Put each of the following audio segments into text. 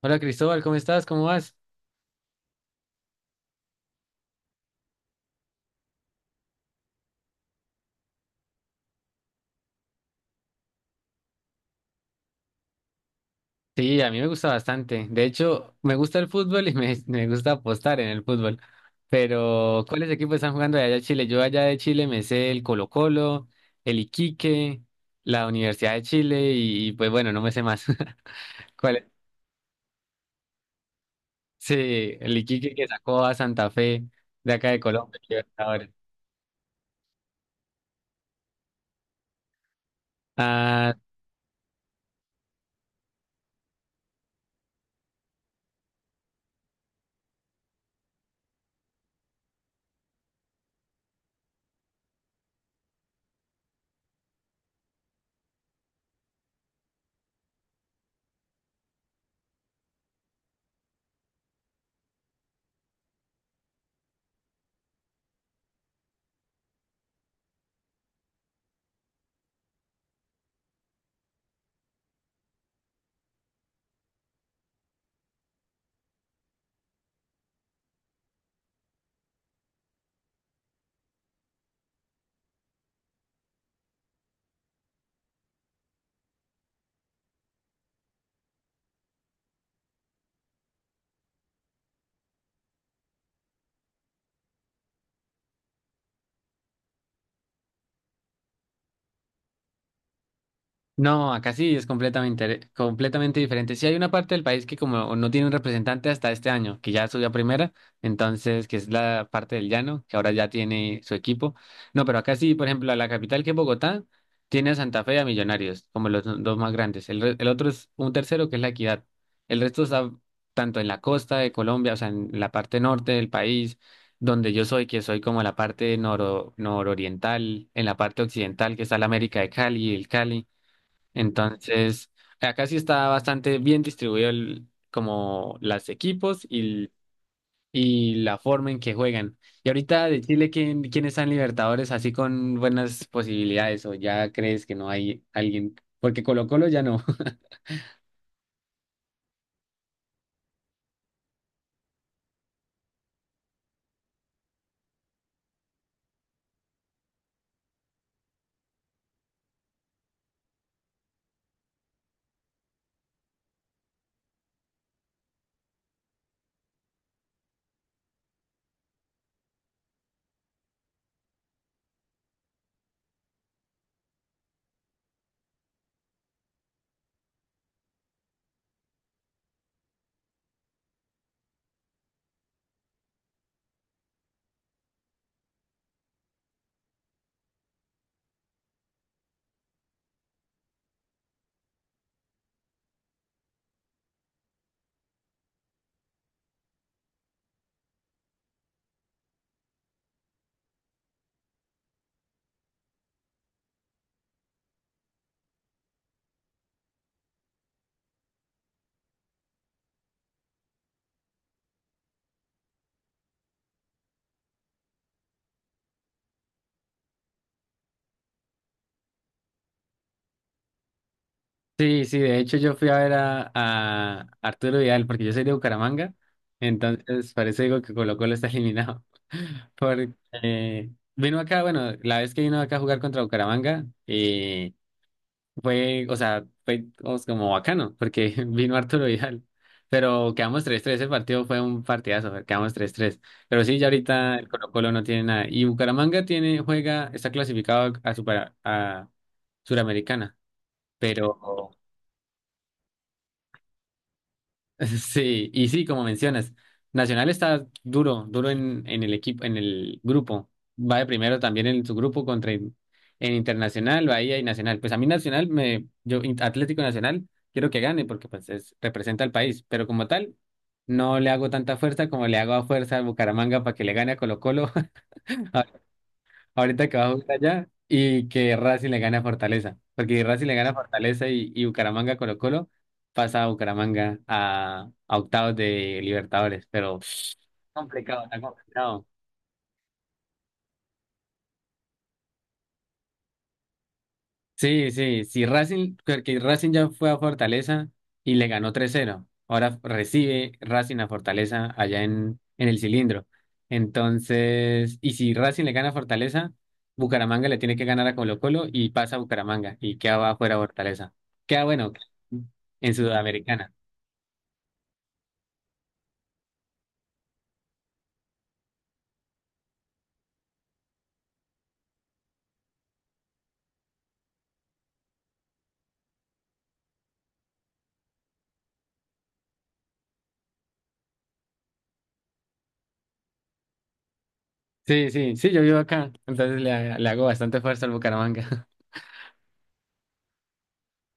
Hola Cristóbal, ¿cómo estás? ¿Cómo vas? Sí, a mí me gusta bastante. De hecho, me gusta el fútbol y me gusta apostar en el fútbol. Pero, ¿cuáles equipos están jugando de allá de Chile? Yo allá de Chile me sé el Colo-Colo, el Iquique, la Universidad de Chile y, pues bueno, no me sé más. ¿Cuál es? Sí, el Iquique que sacó a Santa Fe de acá de Colombia. Ahora- No, acá sí es completamente, completamente diferente. Sí hay una parte del país que como no tiene un representante hasta este año, que ya subió a primera, entonces que es la parte del llano, que ahora ya tiene su equipo. No, pero acá sí, por ejemplo, a la capital que es Bogotá, tiene a Santa Fe y a Millonarios, como los dos más grandes. El otro es un tercero que es La Equidad. El resto está tanto en la costa de Colombia, o sea, en la parte norte del país, donde yo soy, que soy como la parte nororiental, en la parte occidental, que está la América de Cali, el Cali. Entonces, acá sí está bastante bien distribuido como los equipos y la forma en que juegan. Y ahorita de Chile, quiénes están Libertadores así con buenas posibilidades? ¿O ya crees que no hay alguien? Porque Colo-Colo ya no. Sí, sí, de hecho yo fui a ver a Arturo Vidal porque yo soy de Bucaramanga, entonces parece digo que Colo-Colo está eliminado. Porque vino acá, bueno, la vez que vino acá a jugar contra Bucaramanga. Fue, o sea, fue digamos, como bacano, porque vino Arturo Vidal. Pero quedamos 3-3. El partido fue un partidazo, quedamos 3-3. Pero sí, ya ahorita el Colo-Colo no tiene nada. Y Bucaramanga tiene, juega, está clasificado a, super, a Suramericana, pero sí, y sí, como mencionas, Nacional está duro, duro en el equipo, en el grupo. Va de primero también en su grupo contra en Internacional, Bahía y Nacional. Pues a mí Nacional Atlético Nacional quiero que gane porque pues representa al país, pero como tal no le hago tanta fuerza como le hago a fuerza a Bucaramanga para que le gane a Colo-Colo ahorita que va a jugar allá y que Racing le gane a Fortaleza. Porque si Racing le gana a Fortaleza y Bucaramanga Colo Colo, pasa a Bucaramanga a octavos de Libertadores. Pero está complicado. Sí, sí, si Racing, porque Racing ya fue a Fortaleza y le ganó 3-0. Ahora recibe Racing a Fortaleza allá en el cilindro. Entonces, y si Racing le gana a Fortaleza, Bucaramanga le tiene que ganar a Colo-Colo y pasa a Bucaramanga y queda afuera Fortaleza. Queda bueno en Sudamericana. Sí, sí, sí, yo vivo acá, entonces le hago bastante fuerza al Bucaramanga.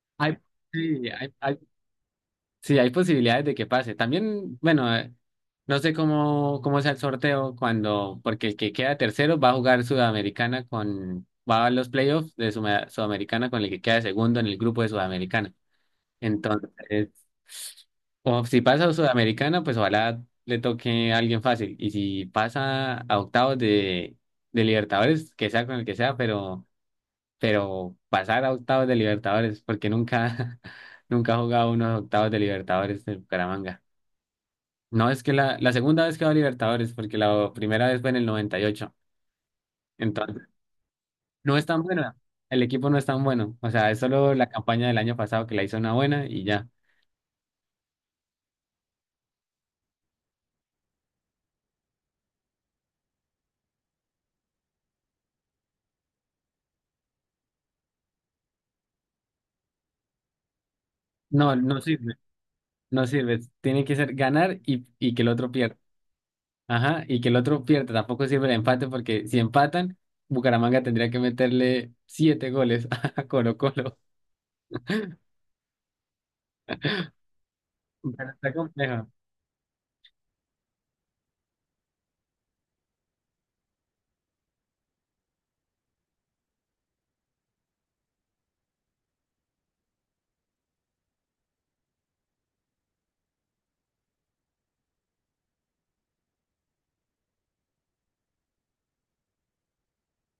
Hay, sí, Sí, hay posibilidades de que pase. También, bueno, no sé cómo sea el sorteo cuando, porque el que queda tercero va a jugar Sudamericana va a los playoffs de Sudamericana con el que queda segundo en el grupo de Sudamericana. Entonces, o si pasa a Sudamericana, pues ojalá le toque a alguien fácil. Y si pasa a octavos de Libertadores, que sea con el que sea, pero pasar a octavos de Libertadores, porque nunca, nunca ha jugado unos octavos de Libertadores de Bucaramanga. No, es que la segunda vez que va a Libertadores, porque la primera vez fue en el noventa y ocho. Entonces, no es tan buena. El equipo no es tan bueno. O sea, es solo la campaña del año pasado que la hizo una buena y ya. No, no sirve. No sirve. Tiene que ser ganar y que el otro pierda. Ajá, y que el otro pierda. Tampoco sirve el empate porque si empatan, Bucaramanga tendría que meterle siete goles a Colo Colo. Pero está complejo.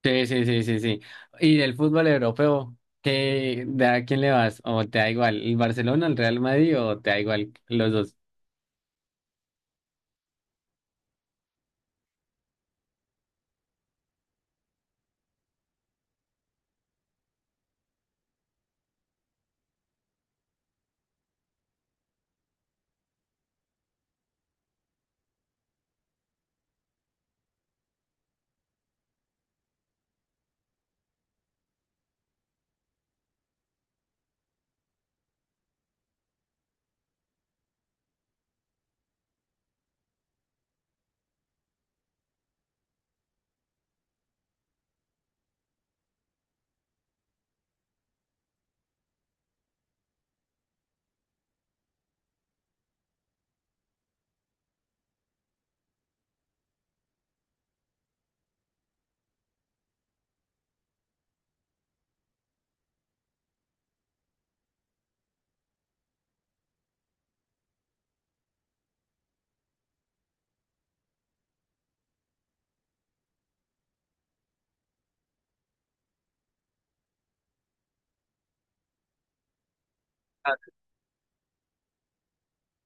Sí, sí, sí, sí, sí. Y del fútbol europeo, de a quién le vas? ¿O te da igual el Barcelona, el Real Madrid o te da igual los dos? Ah,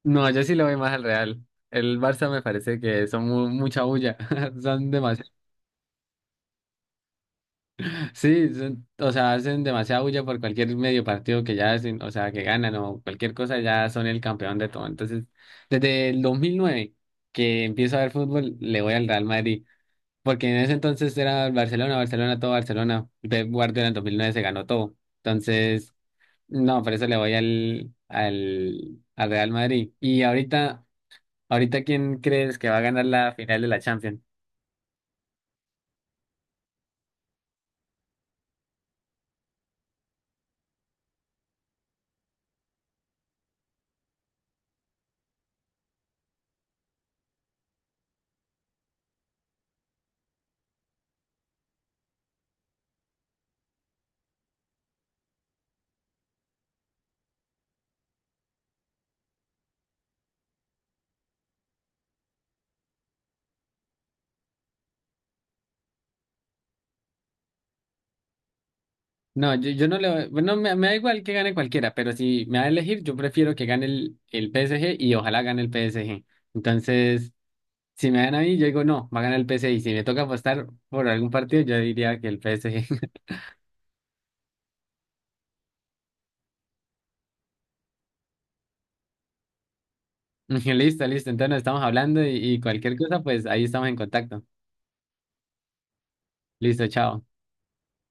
no, yo sí lo voy más al Real. El Barça me parece que son mucha bulla. Son demasiado. Sí, o sea, hacen demasiada bulla por cualquier medio partido que ya hacen, o sea, que ganan o cualquier cosa, ya son el campeón de todo. Entonces, desde el 2009 que empiezo a ver fútbol, le voy al Real Madrid. Porque en ese entonces era Barcelona, Barcelona, todo Barcelona. Pep Guardiola en 2009 se ganó todo. Entonces, no, por eso le voy al Real Madrid. Y ahorita, ¿quién crees que va a ganar la final de la Champions? No, yo no le voy, bueno, me da igual que gane cualquiera, pero si me va a elegir, yo prefiero que gane el PSG y ojalá gane el PSG. Entonces, si me dan a mí, yo digo, no, va a ganar el PSG. Y si me toca apostar por algún partido, yo diría que el PSG. Listo, listo. Entonces nos estamos hablando y cualquier cosa, pues ahí estamos en contacto. Listo, chao.